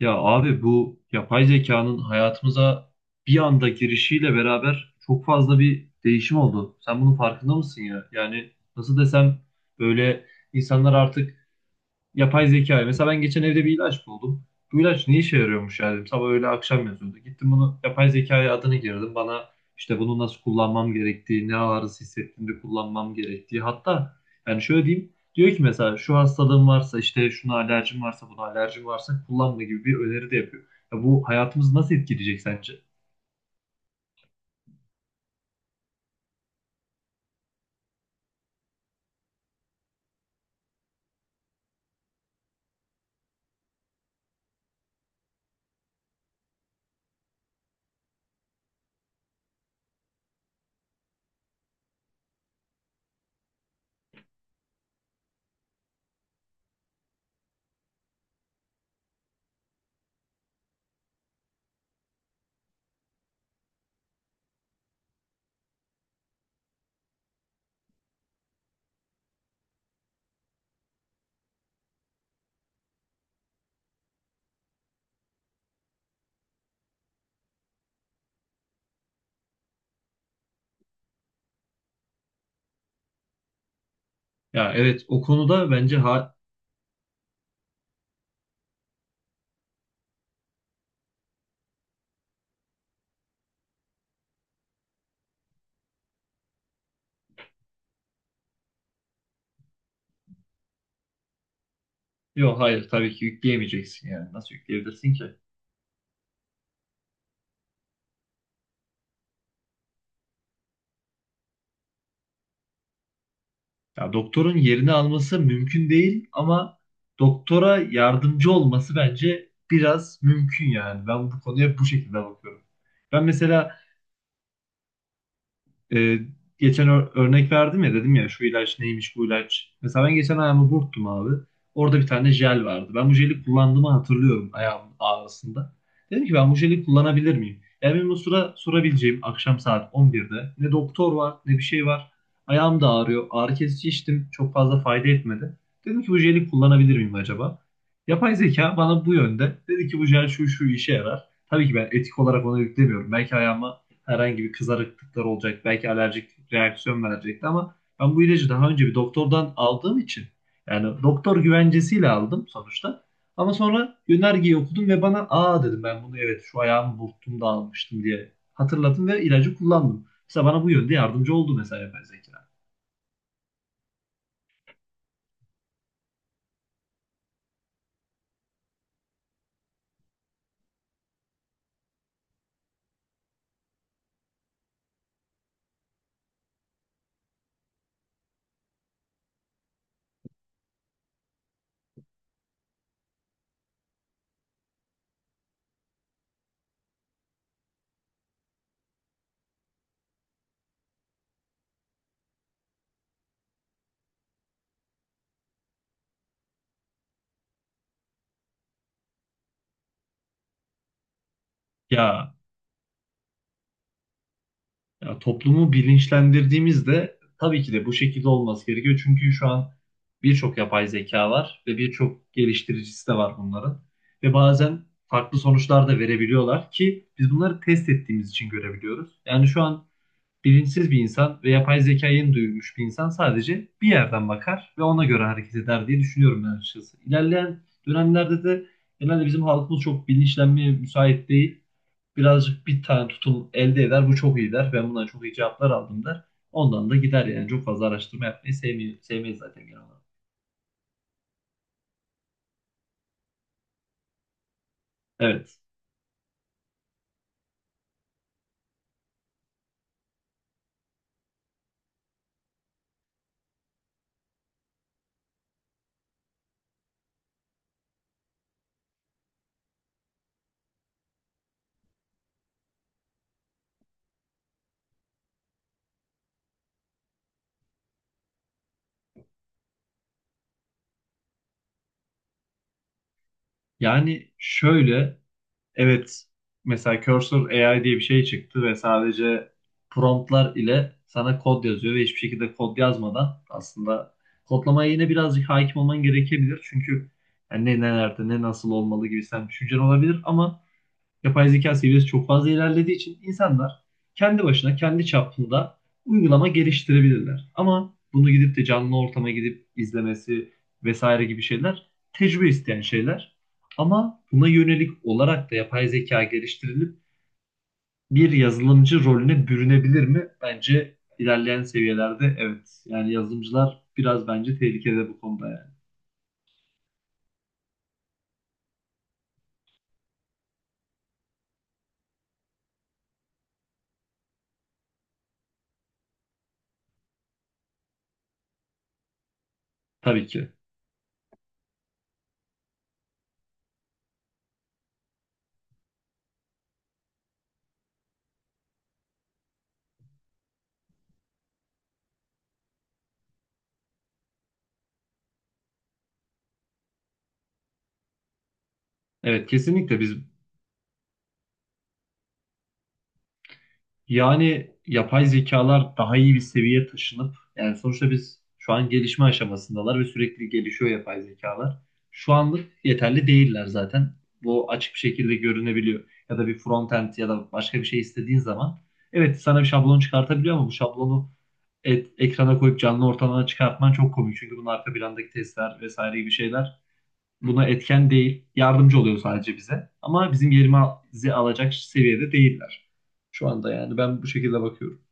Ya abi bu yapay zekanın hayatımıza bir anda girişiyle beraber çok fazla bir değişim oldu. Sen bunun farkında mısın ya? Yani nasıl desem böyle insanlar artık yapay zeka. Mesela ben geçen evde bir ilaç buldum. Bu ilaç ne işe yarıyormuş ya dedim. Sabah öğle akşam yazıyordu. Gittim bunu yapay zekaya adını girdim. Bana işte bunu nasıl kullanmam gerektiği, ne ağrısı hissettiğimde kullanmam gerektiği. Hatta yani şöyle diyeyim. Diyor ki mesela şu hastalığım varsa işte şuna alerjim varsa buna alerjim varsa kullanma gibi bir öneri de yapıyor. Ya bu hayatımızı nasıl etkileyecek sence? Ya evet o konuda bence ha, yok hayır tabii ki yükleyemeyeceksin yani. Nasıl yükleyebilirsin ki? Ya doktorun yerini alması mümkün değil ama doktora yardımcı olması bence biraz mümkün yani. Ben bu konuya bu şekilde bakıyorum. Ben mesela e, geçen örnek verdim ya dedim ya şu ilaç neymiş bu ilaç. Mesela ben geçen ayağımı burktum abi. Orada bir tane jel vardı. Ben bu jeli kullandığımı hatırlıyorum ayağımın ağrısında. Dedim ki ben bu jeli kullanabilir miyim? Yani benim o sıra sorabileceğim akşam saat 11'de ne doktor var ne bir şey var. Ayağım da ağrıyor. Ağrı kesici içtim. Çok fazla fayda etmedi. Dedim ki bu jeli kullanabilir miyim acaba? Yapay zeka bana bu yönde dedi ki bu jel şu şu işe yarar. Tabii ki ben etik olarak ona yüklemiyorum. Belki ayağıma herhangi bir kızarıklıklar olacak. Belki alerjik reaksiyon verecekti ama ben bu ilacı daha önce bir doktordan aldığım için yani doktor güvencesiyle aldım sonuçta. Ama sonra yönergeyi okudum ve bana aa dedim ben bunu evet şu ayağımı burktum da almıştım diye hatırladım ve ilacı kullandım. Mesela bana bu yönde yardımcı oldu mesela yapay zeka. Ya Ya toplumu bilinçlendirdiğimizde tabii ki de bu şekilde olması gerekiyor. Çünkü şu an birçok yapay zeka var ve birçok geliştiricisi de var bunların. Ve bazen farklı sonuçlar da verebiliyorlar ki biz bunları test ettiğimiz için görebiliyoruz. Yani şu an bilinçsiz bir insan ve yapay zekayı yeni duymuş bir insan sadece bir yerden bakar ve ona göre hareket eder diye düşünüyorum ben açıkçası. İlerleyen dönemlerde de genelde bizim halkımız çok bilinçlenmeye müsait değil, birazcık bir tane tutum elde eder. Bu çok iyi der. Ben bundan çok iyi cevaplar aldım der. Ondan da gider yani. Çok fazla araştırma yapmayı sevmiyor, sevmeyiz zaten genel olarak. Evet. Yani şöyle, evet, mesela Cursor AI diye bir şey çıktı ve sadece promptlar ile sana kod yazıyor ve hiçbir şekilde kod yazmadan aslında kodlamaya yine birazcık hakim olman gerekebilir. Çünkü yani ne nerede ne nasıl olmalı gibi sen düşüncen olabilir ama yapay zeka seviyesi çok fazla ilerlediği için insanlar kendi başına, kendi çapında uygulama geliştirebilirler. Ama bunu gidip de canlı ortama gidip izlemesi vesaire gibi şeyler tecrübe isteyen şeyler. Ama buna yönelik olarak da yapay zeka geliştirilip bir yazılımcı rolüne bürünebilir mi? Bence ilerleyen seviyelerde evet. Yani yazılımcılar biraz bence tehlikede bu konuda yani. Tabii ki. Evet kesinlikle yani yapay zekalar daha iyi bir seviyeye taşınıp yani sonuçta biz şu an gelişme aşamasındalar ve sürekli gelişiyor yapay zekalar. Şu anlık yeterli değiller zaten. Bu açık bir şekilde görünebiliyor. Ya da bir frontend ya da başka bir şey istediğin zaman evet sana bir şablon çıkartabiliyor ama bu şablonu ekrana koyup canlı ortamına çıkartman çok komik. Çünkü bunun arka plandaki testler vesaire gibi şeyler buna etken değil. Yardımcı oluyor sadece bize. Ama bizim yerimizi alacak seviyede değiller. Şu anda yani ben bu şekilde bakıyorum.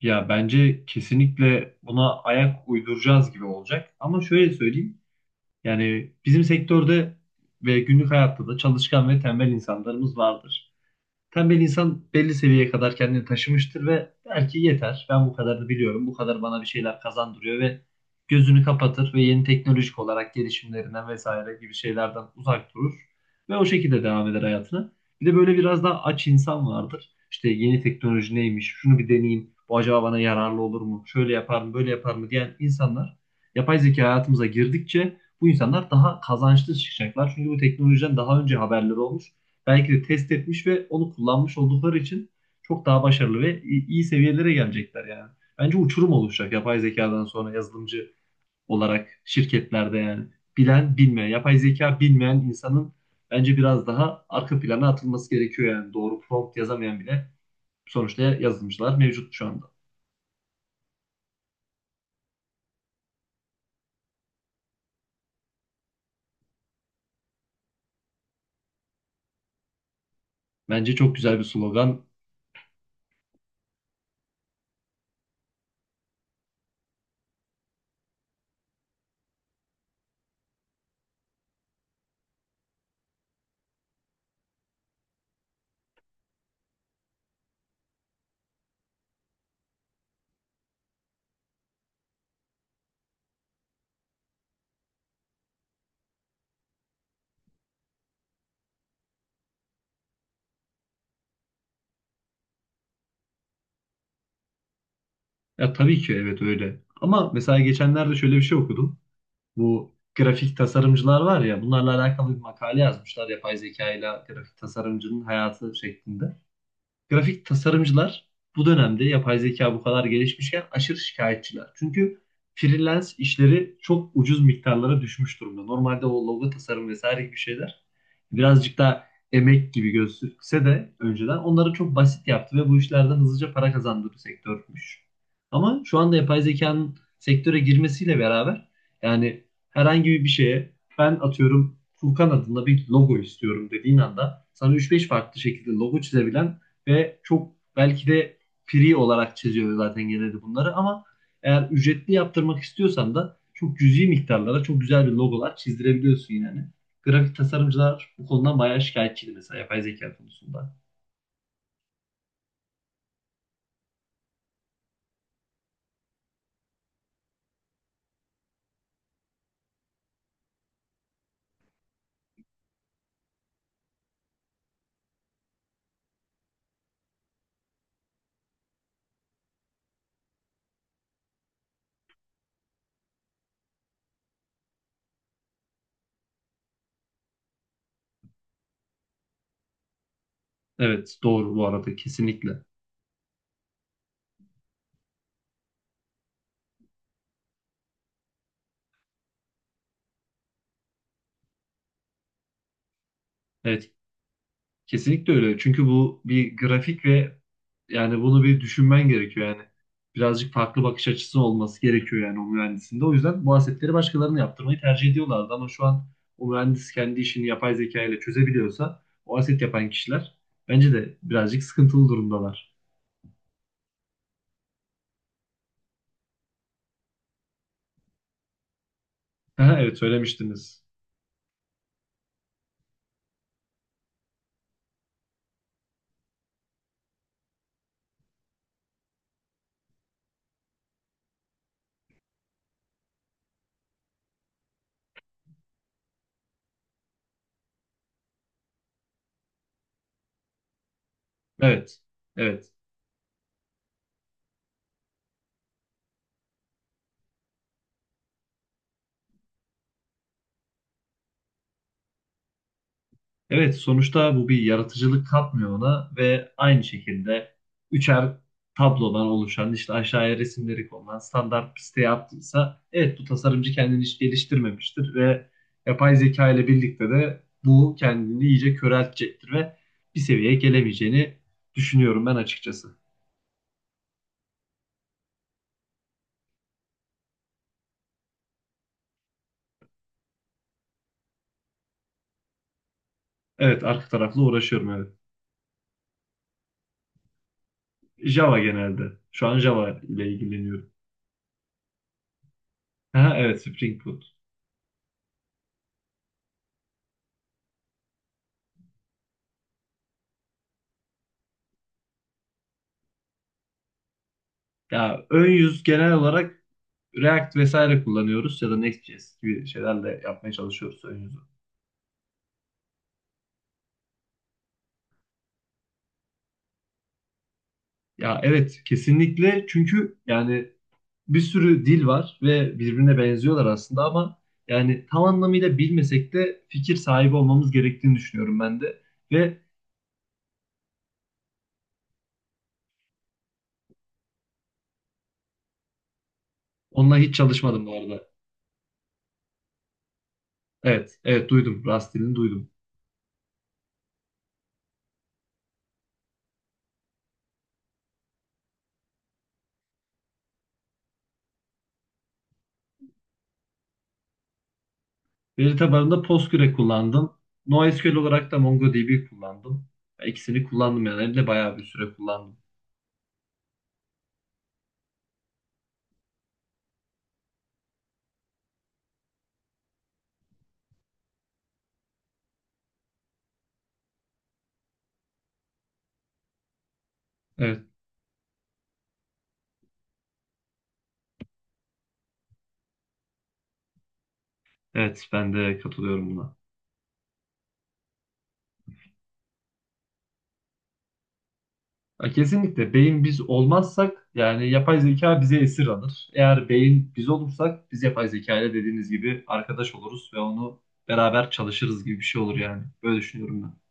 Ya bence kesinlikle buna ayak uyduracağız gibi olacak. Ama şöyle söyleyeyim. Yani bizim sektörde ve günlük hayatta da çalışkan ve tembel insanlarımız vardır. Tembel insan belli seviyeye kadar kendini taşımıştır ve der ki yeter ben bu kadarını biliyorum. Bu kadar bana bir şeyler kazandırıyor ve gözünü kapatır ve yeni teknolojik olarak gelişimlerinden vesaire gibi şeylerden uzak durur. Ve o şekilde devam eder hayatına. Bir de böyle biraz daha aç insan vardır. İşte yeni teknoloji neymiş, şunu bir deneyeyim, bu acaba bana yararlı olur mu, şöyle yapar mı, böyle yapar mı diyen insanlar yapay zeka hayatımıza girdikçe bu insanlar daha kazançlı çıkacaklar. Çünkü bu teknolojiden daha önce haberleri olmuş, belki de test etmiş ve onu kullanmış oldukları için çok daha başarılı ve iyi seviyelere gelecekler yani. Bence uçurum oluşacak yapay zekadan sonra yazılımcı olarak şirketlerde yani. Bilen bilmeyen, yapay zeka bilmeyen insanın bence biraz daha arka plana atılması gerekiyor yani. Doğru prompt yazamayan bile sonuçta yazılımcılar mevcut şu anda. Bence çok güzel bir slogan. Ya tabii ki evet öyle. Ama mesela geçenlerde şöyle bir şey okudum. Bu grafik tasarımcılar var ya bunlarla alakalı bir makale yazmışlar yapay zeka ile grafik tasarımcının hayatı şeklinde. Grafik tasarımcılar bu dönemde yapay zeka bu kadar gelişmişken aşırı şikayetçiler. Çünkü freelance işleri çok ucuz miktarlara düşmüş durumda. Normalde o logo tasarım vesaire gibi şeyler birazcık daha emek gibi gözükse de önceden onları çok basit yaptı ve bu işlerden hızlıca para kazandığı bir sektörmüş. Ama şu anda yapay zekanın sektöre girmesiyle beraber yani herhangi bir şeye, ben atıyorum Furkan adında bir logo istiyorum dediğin anda sana üç beş farklı şekilde logo çizebilen ve çok belki de free olarak çiziyor zaten genelde bunları, ama eğer ücretli yaptırmak istiyorsan da çok cüzi miktarlara çok güzel bir logolar çizdirebiliyorsun yani. Grafik tasarımcılar bu konudan bayağı şikayetçiydi mesela yapay zeka konusunda. Evet doğru bu arada kesinlikle. Evet, kesinlikle öyle. Çünkü bu bir grafik ve yani bunu bir düşünmen gerekiyor yani. Birazcık farklı bakış açısı olması gerekiyor yani o mühendisinde. O yüzden bu asetleri başkalarına yaptırmayı tercih ediyorlardı ama şu an o mühendis kendi işini yapay zeka ile çözebiliyorsa o aset yapan kişiler bence de birazcık sıkıntılı durumdalar. Aha, evet söylemiştiniz. Evet. Evet. Evet, sonuçta bu bir yaratıcılık katmıyor ona ve aynı şekilde üçer tablodan oluşan işte aşağıya resimleri konulan standart bir siteye attıysa evet bu tasarımcı kendini hiç geliştirmemiştir ve yapay zeka ile birlikte de bu kendini iyice köreltecektir ve bir seviyeye gelemeyeceğini düşünüyorum ben açıkçası. Evet, arka tarafla uğraşıyorum evet. Java genelde. Şu an Java ile ilgileniyorum. Ha, evet Spring Boot. Ya ön yüz genel olarak React vesaire kullanıyoruz ya da Next.js gibi şeylerle yapmaya çalışıyoruz ya evet kesinlikle çünkü yani bir sürü dil var ve birbirine benziyorlar aslında ama yani tam anlamıyla bilmesek de fikir sahibi olmamız gerektiğini düşünüyorum ben de. Ve onunla hiç çalışmadım bu arada. Evet, evet duydum. Rust dilini duydum. Veri tabanında Postgre kullandım. NoSQL olarak da MongoDB kullandım. Ya İkisini kullandım yani. Hem de bayağı bir süre kullandım. Evet. Evet, ben de katılıyorum buna. Ya kesinlikle, beyin biz olmazsak yani yapay zeka bize esir alır. Eğer beyin biz olursak biz yapay zeka ile dediğiniz gibi arkadaş oluruz ve onu beraber çalışırız gibi bir şey olur yani. Böyle düşünüyorum ben.